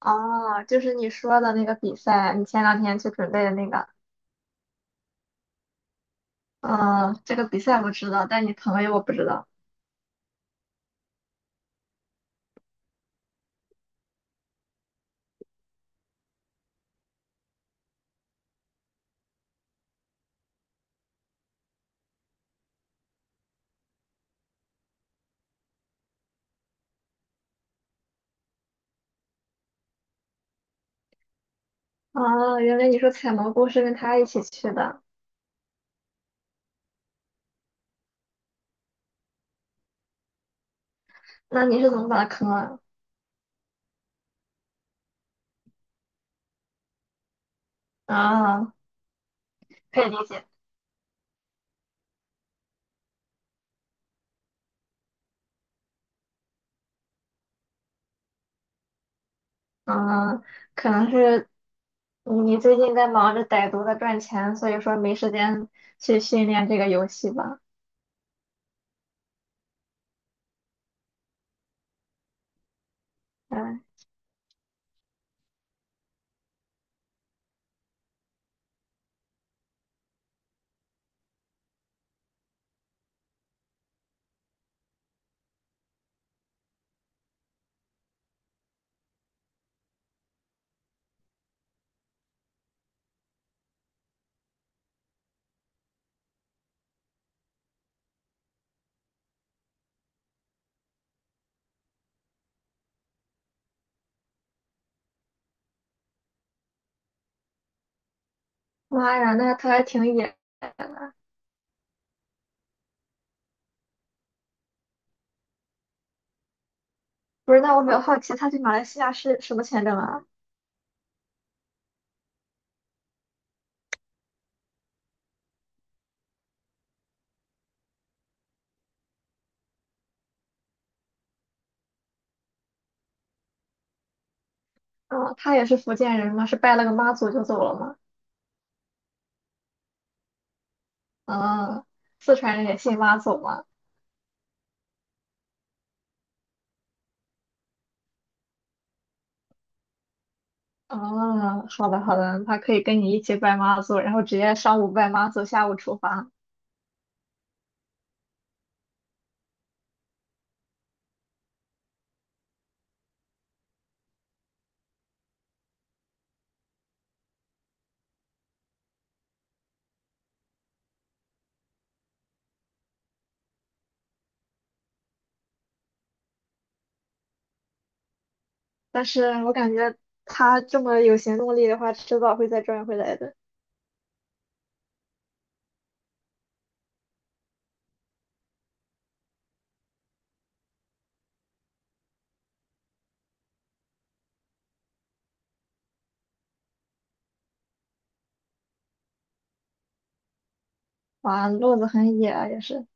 哦，就是你说的那个比赛，你前两天去准备的那个，嗯，这个比赛我知道，但你朋友我不知道。哦，原来你说采蘑菇是跟他一起去的，那你是怎么把他坑了？啊，可以理解。嗯，可能是你最近在忙着歹毒的赚钱，所以说没时间去训练这个游戏吧？哎，妈呀，那他还挺野。不是，那我比较好奇，他去马来西亚是什么签证啊？嗯，他也是福建人吗？是拜了个妈祖就走了吗？嗯，四川人也信妈祖吗？哦，好的好的，他可以跟你一起拜妈祖，然后直接上午拜妈祖，下午出发。但是我感觉他这么有行动力的话，迟早会再赚回来的。哇，路子很野啊，也是。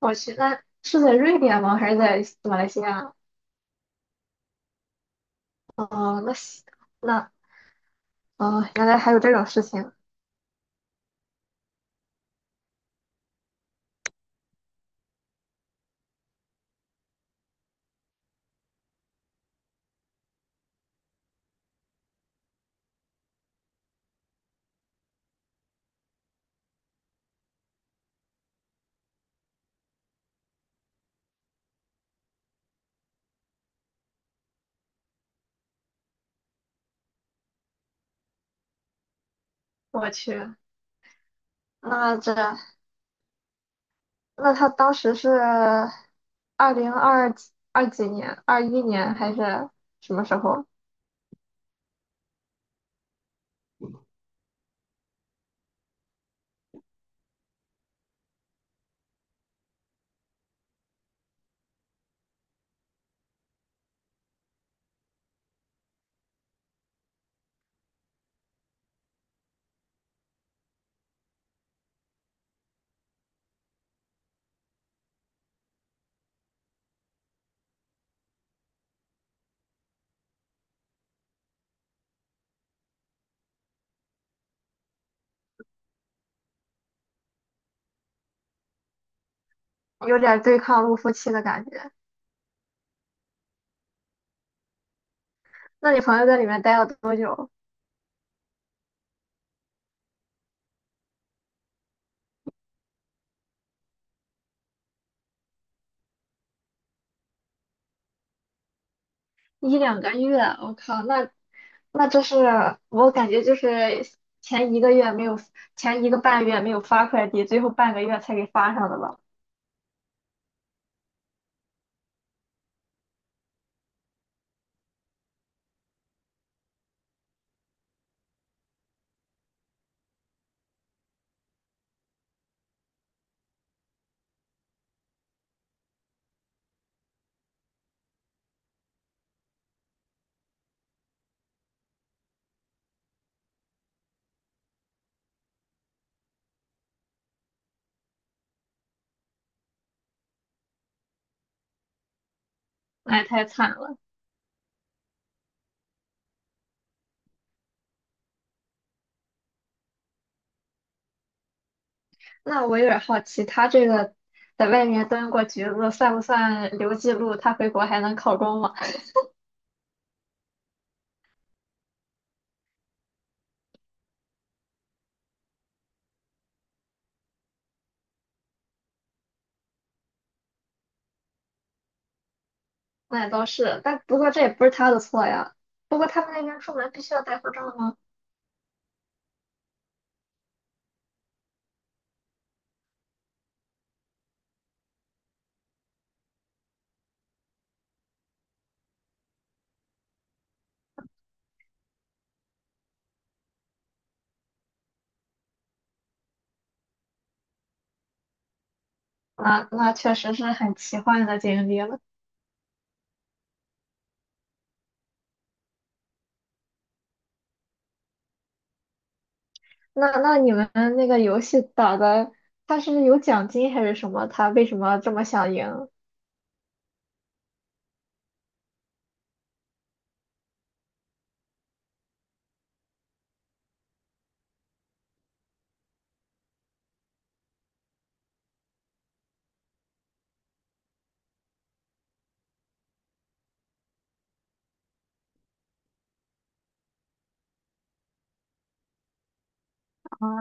我去，那是在瑞典吗？还是在马来西亚？哦，那西那哦，原来还有这种事情。我去，那这那他当时是二零二二几年，21年还是什么时候？有点对抗陆夫期的感觉。那你朋友在里面待了多久？一两个月，我靠，那那这是我感觉就是前1个月没有，前1个半月没有发快递，最后半个月才给发上的吧？那也太惨了。那我有点好奇，他这个在外面蹲过局子，算不算留记录？他回国还能考公吗？那也倒是，但不过这也不是他的错呀。不过他们那边出门必须要带护照吗？那那确实是很奇幻的经历了。那你们那个游戏打的，他是有奖金还是什么？他为什么这么想赢啊？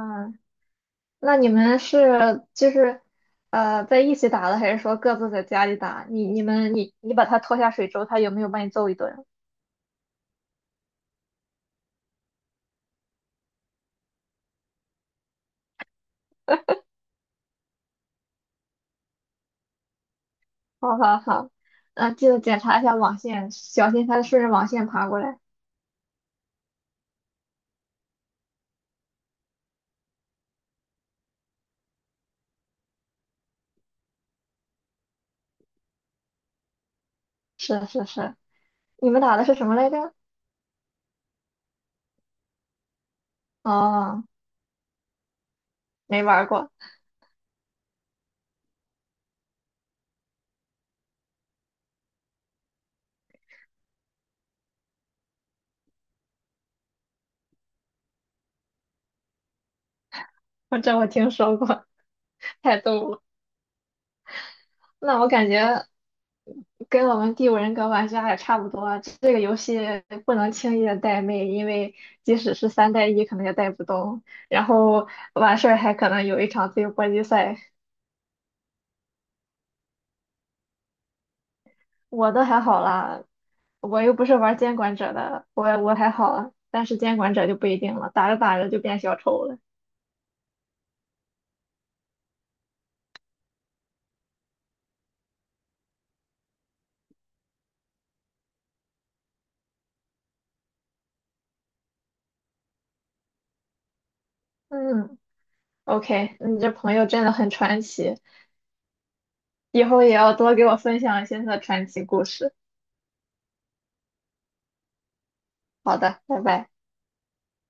那你们是就是在一起打的，还是说各自在家里打？你你们你你把他拖下水之后，他有没有把你揍一顿？好好好，嗯、记得检查一下网线，小心它顺着网线爬过来。是是是，你们打的是什么来着？哦，没玩儿过，我这我听说过，太逗了。那我感觉跟我们《第五人格》玩家也差不多啊，这个游戏不能轻易的带妹，因为即使是3带1，可能也带不动。然后完事儿还可能有一场自由搏击赛。我都还好啦，我又不是玩监管者的，我还好啊，但是监管者就不一定了，打着打着就变小丑了。嗯，OK，你这朋友真的很传奇，以后也要多给我分享一些他的传奇故事。好的，拜拜。